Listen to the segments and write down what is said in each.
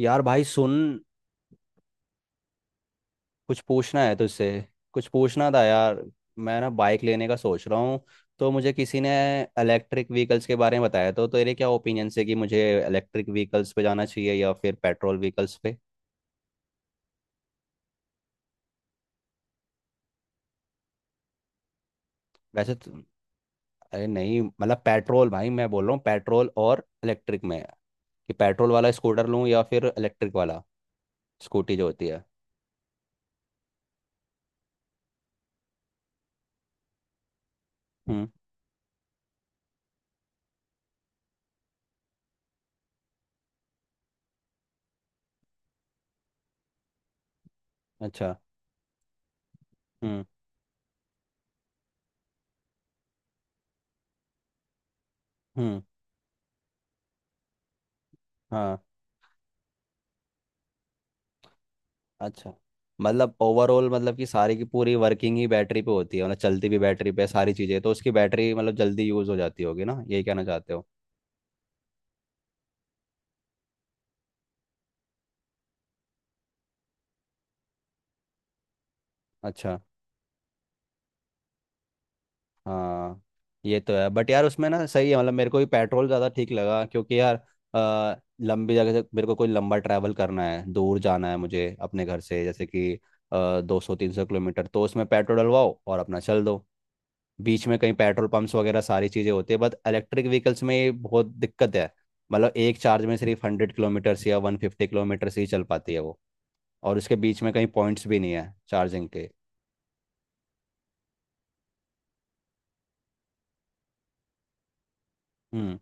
यार भाई सुन, कुछ पूछना है तुझसे। कुछ पूछना था यार। मैं ना बाइक लेने का सोच रहा हूँ, तो मुझे किसी ने इलेक्ट्रिक व्हीकल्स के बारे में बताया। तो तेरे क्या ओपिनियन से कि मुझे इलेक्ट्रिक व्हीकल्स पे जाना चाहिए या फिर पेट्रोल व्हीकल्स पे? वैसे तो अरे नहीं, मतलब पेट्रोल भाई मैं बोल रहा हूँ, पेट्रोल और इलेक्ट्रिक में कि पेट्रोल वाला स्कूटर लूँ या फिर इलेक्ट्रिक वाला स्कूटी जो होती है। हम्म। अच्छा। हम्म। हम्म। हाँ। अच्छा। मतलब ओवरऑल, मतलब कि सारी की पूरी वर्किंग ही बैटरी पे होती है, मतलब चलती भी बैटरी पे है सारी चीज़ें, तो उसकी बैटरी मतलब जल्दी यूज़ हो जाती होगी ना, यही कहना चाहते हो? अच्छा। हाँ ये तो है, बट यार उसमें ना सही है मतलब, मेरे को भी पेट्रोल ज़्यादा ठीक लगा क्योंकि यार, लंबी जगह से मेरे को कोई लंबा ट्रैवल करना है, दूर जाना है मुझे अपने घर से। जैसे कि 200-300 किलोमीटर, तो उसमें पेट्रोल डलवाओ और अपना चल दो। बीच में कहीं पेट्रोल पंप्स वगैरह सारी चीज़ें होती है, बट इलेक्ट्रिक व्हीकल्स में ये बहुत दिक्कत है। मतलब एक चार्ज में सिर्फ 100 किलोमीटर से या 150 किलोमीटर से ही चल पाती है वो, और उसके बीच में कहीं पॉइंट्स भी नहीं है चार्जिंग के। हम्म।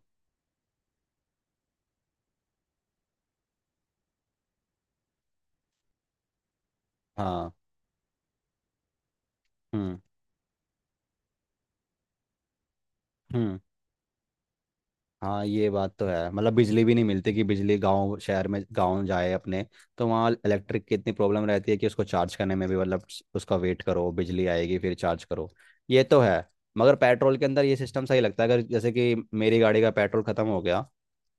हाँ। हम्म। हम्म। हाँ ये बात तो है, मतलब बिजली भी नहीं मिलती, कि बिजली गांव शहर में गांव जाए अपने, तो वहाँ इलेक्ट्रिक की इतनी प्रॉब्लम रहती है कि उसको चार्ज करने में भी मतलब उसका वेट करो, बिजली आएगी फिर चार्ज करो। ये तो है। मगर पेट्रोल के अंदर ये सिस्टम सही लगता है, अगर जैसे कि मेरी गाड़ी का पेट्रोल खत्म हो गया,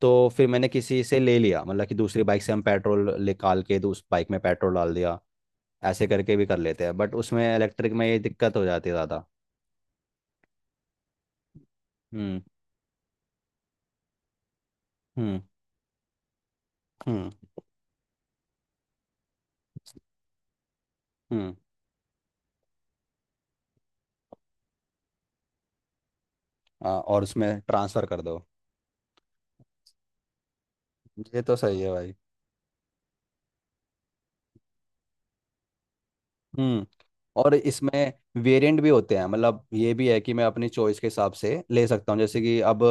तो फिर मैंने किसी से ले लिया, मतलब कि दूसरी बाइक से हम पेट्रोल निकाल के तो उस बाइक में पेट्रोल डाल दिया, ऐसे करके भी कर लेते हैं। बट उसमें इलेक्ट्रिक में ये दिक्कत हो जाती है ज़्यादा। हम्म। हम्म। हम्म। हम्म। और उसमें ट्रांसफ़र कर दो। ये तो सही है भाई। हम्म। और इसमें वेरिएंट भी होते हैं, मतलब ये भी है कि मैं अपनी चॉइस के हिसाब से ले सकता हूँ। जैसे कि अब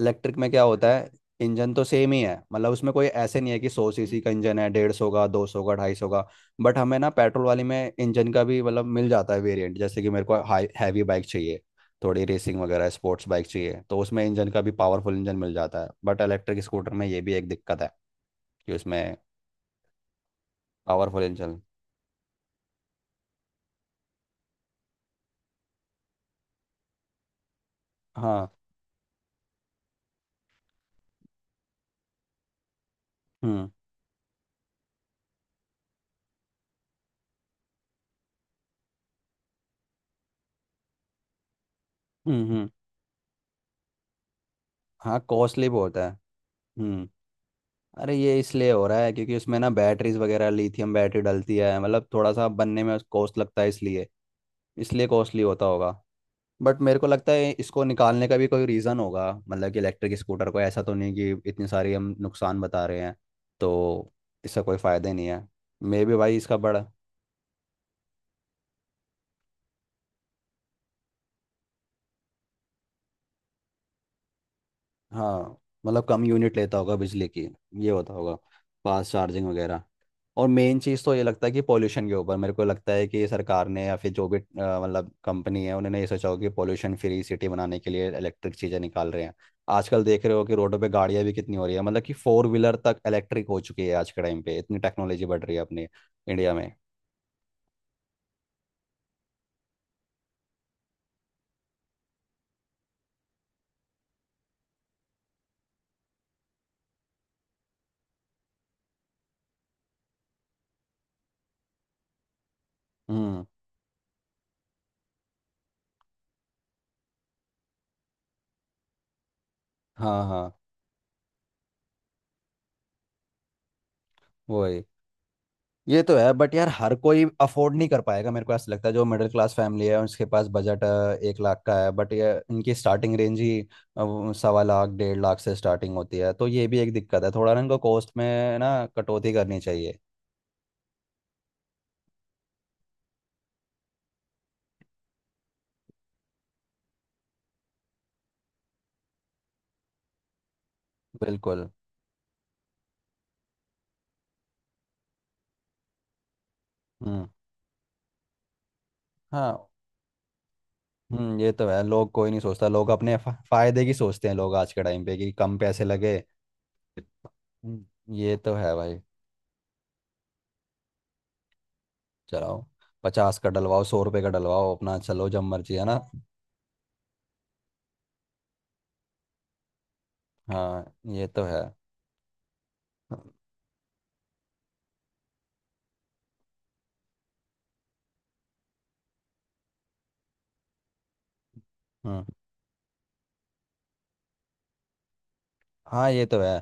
इलेक्ट्रिक में क्या होता है, इंजन तो सेम ही है, मतलब उसमें कोई ऐसे नहीं है कि 100 सीसी का इंजन है, 150 का, 200 का, 250 का। बट हमें ना पेट्रोल वाली में इंजन का भी मतलब मिल जाता है वेरिएंट, जैसे कि मेरे को हाई हैवी बाइक चाहिए, थोड़ी रेसिंग वगैरह स्पोर्ट्स बाइक चाहिए, तो उसमें इंजन का भी पावरफुल इंजन मिल जाता है। बट इलेक्ट्रिक स्कूटर में ये भी एक दिक्कत है कि उसमें पावरफुल इंजन। हाँ। हम्म। हम्म। हम्म। हाँ कॉस्टली भी होता है। हम्म। अरे ये इसलिए हो रहा है क्योंकि उसमें ना बैटरीज वगैरह लिथियम बैटरी डलती है, मतलब थोड़ा सा बनने में कॉस्ट लगता है इसलिए इसलिए कॉस्टली होता होगा। बट मेरे को लगता है इसको निकालने का भी कोई रीज़न होगा, मतलब कि इलेक्ट्रिक स्कूटर को ऐसा तो नहीं कि इतनी सारी हम नुकसान बता रहे हैं तो इसका कोई फ़ायदा नहीं है। मे भी भाई इसका बड़ा। हाँ, मतलब कम यूनिट लेता होगा बिजली की, ये होता होगा। फास्ट चार्जिंग वगैरह। और मेन चीज़ तो ये लगता है कि पॉल्यूशन के ऊपर मेरे को लगता है कि सरकार ने या फिर जो भी मतलब कंपनी है उन्होंने ये सोचा हो कि पॉल्यूशन फ्री सिटी बनाने के लिए इलेक्ट्रिक चीज़ें निकाल रहे हैं। आजकल देख रहे हो कि रोडों पे गाड़ियां भी कितनी हो रही है, मतलब कि फोर व्हीलर तक इलेक्ट्रिक हो चुकी है। आज के टाइम पे इतनी टेक्नोलॉजी बढ़ रही है अपने इंडिया में। हम्म। हाँ। हाँ। वही। ये तो है, बट यार हर कोई अफोर्ड नहीं कर पाएगा मेरे को ऐसा लगता है, जो मिडिल क्लास फैमिली है उसके पास बजट 1 लाख का है, बट ये इनकी स्टार्टिंग रेंज ही वो 1.25 लाख 1.5 लाख से स्टार्टिंग होती है, तो ये भी एक दिक्कत है, थोड़ा ना इनको कॉस्ट में ना कटौती करनी चाहिए। बिल्कुल। हम्म। हाँ। ये तो है, लोग कोई नहीं सोचता, लोग अपने फायदे की सोचते हैं लोग, आज के टाइम पे कि कम पैसे लगे। हम्म। ये तो है भाई, चलाओ, 50 का डलवाओ, 100 रुपये का डलवाओ, अपना चलो जब मर्जी है ना। हाँ ये तो है। हम्म। हाँ ये तो है।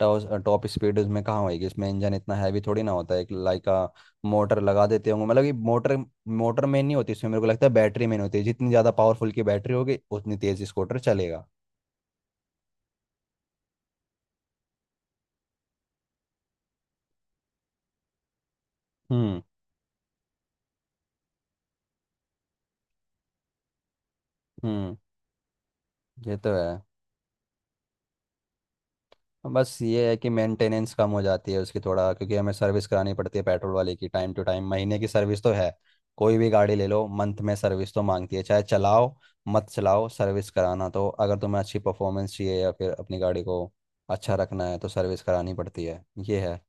टॉप टॉप स्पीड उसमें कहाँ होएगी, इसमें इंजन इतना हैवी थोड़ी ना होता है, एक लाइक मोटर लगा देते होंगे, मतलब ये मोटर मोटर में नहीं होती इसमें। मेरे को लगता है बैटरी में नहीं होती, जितनी ज़्यादा पावरफुल की बैटरी होगी उतनी तेज़ स्कूटर चलेगा। हम्म। हम्म। ये तो है। बस ये है कि मेंटेनेंस कम हो जाती है उसकी थोड़ा, क्योंकि हमें सर्विस करानी पड़ती है पेट्रोल वाले की टाइम टू टाइम, महीने की सर्विस तो है। कोई भी गाड़ी ले लो मंथ में सर्विस तो मांगती है, चाहे चलाओ मत चलाओ सर्विस कराना तो। अगर तुम्हें अच्छी परफॉर्मेंस चाहिए या फिर अपनी गाड़ी को अच्छा रखना है तो सर्विस करानी पड़ती है, ये है।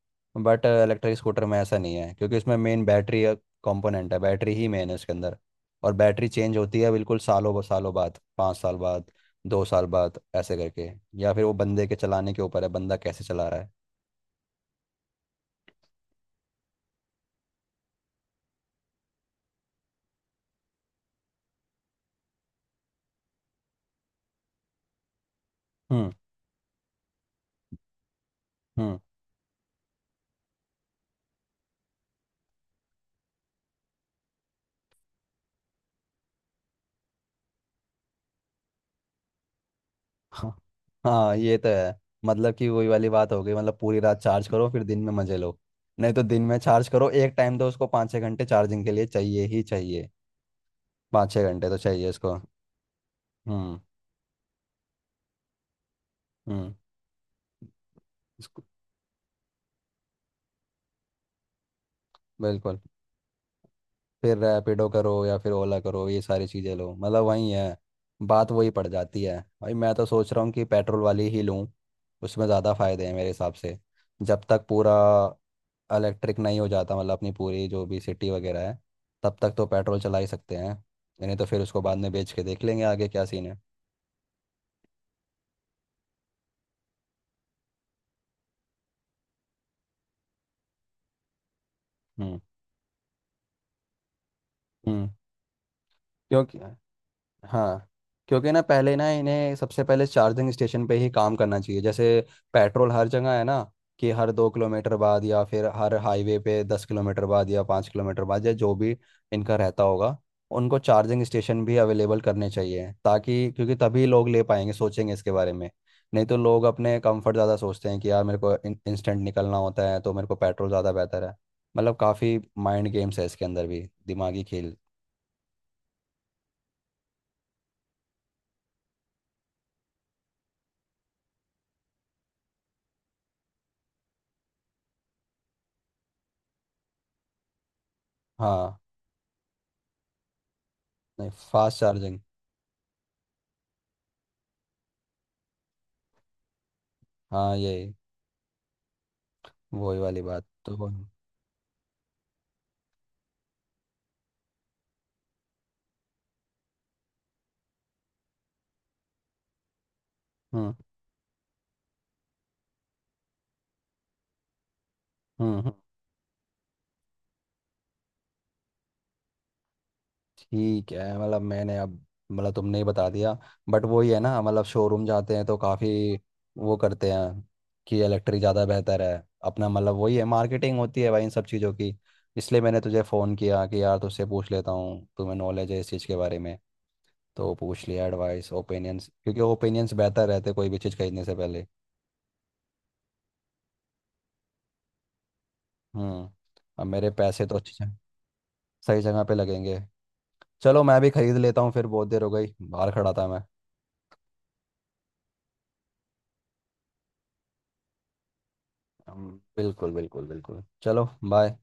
बट इलेक्ट्रिक स्कूटर में ऐसा नहीं है, क्योंकि उसमें मेन बैटरी कंपोनेंट है, बैटरी ही मेन है उसके अंदर। और बैटरी चेंज होती है बिल्कुल सालों सालों बाद, 5 साल बाद, 2 साल बाद, ऐसे करके। या फिर वो बंदे के चलाने के ऊपर है, बंदा कैसे चला रहा है। हम्म। हम्म। हाँ। हाँ ये तो है। मतलब कि वही वाली बात हो गई, मतलब पूरी रात चार्ज करो फिर दिन में मजे लो, नहीं तो दिन में चार्ज करो। एक टाइम तो उसको 5-6 घंटे चार्जिंग के लिए चाहिए ही चाहिए, 5-6 घंटे तो चाहिए उसको। हम्म। हम्म। इसको- बिल्कुल। फिर रैपिडो करो या फिर ओला करो, ये सारी चीज़ें लो, मतलब वही है, बात वही पड़ जाती है भाई। मैं तो सोच रहा हूँ कि पेट्रोल वाली ही लूँ, उसमें ज़्यादा फ़ायदे हैं मेरे हिसाब से। जब तक पूरा इलेक्ट्रिक नहीं हो जाता मतलब अपनी पूरी जो भी सिटी वगैरह है, तब तक तो पेट्रोल चला ही सकते हैं, नहीं तो फिर उसको बाद में बेच के देख लेंगे आगे क्या सीन है। हम्म। हम्म। क्योंकि, हाँ, क्योंकि ना पहले, ना इन्हें सबसे पहले चार्जिंग स्टेशन पे ही काम करना चाहिए, जैसे पेट्रोल हर जगह है ना, कि हर 2 किलोमीटर बाद या फिर हर हाईवे पे 10 किलोमीटर बाद या 5 किलोमीटर बाद या जो भी इनका रहता होगा। उनको चार्जिंग स्टेशन भी अवेलेबल करने चाहिए ताकि, क्योंकि तभी लोग ले पाएंगे, सोचेंगे इसके बारे में। नहीं तो लोग अपने कंफर्ट ज़्यादा सोचते हैं कि यार मेरे को इंस्टेंट निकलना होता है, तो मेरे को पेट्रोल ज़्यादा बेहतर है। मतलब काफ़ी माइंड गेम्स है इसके अंदर भी, दिमागी खेल। हाँ। नहीं फास्ट चार्जिंग। हाँ ये वही वाली बात तो हम्म। हम्म। हम्म। ठीक है, मतलब मैंने अब मतलब तुमने ही बता दिया। बट वही है ना मतलब, शोरूम जाते हैं तो काफ़ी वो करते हैं कि इलेक्ट्रिक ज़्यादा बेहतर है, अपना मतलब वही है, मार्केटिंग होती है भाई इन सब चीज़ों की। इसलिए मैंने तुझे फ़ोन किया कि यार तुझसे पूछ लेता हूँ, तुम्हें नॉलेज है इस चीज़ के बारे में, तो पूछ लिया एडवाइस ओपिनियंस, क्योंकि ओपिनियंस बेहतर रहते कोई भी चीज़ खरीदने से पहले। हम्म। अब मेरे पैसे तो सही जगह पे लगेंगे। चलो मैं भी खरीद लेता हूँ फिर, बहुत देर हो गई बाहर खड़ा था मैं। हम्म। बिल्कुल बिल्कुल बिल्कुल। चलो बाय।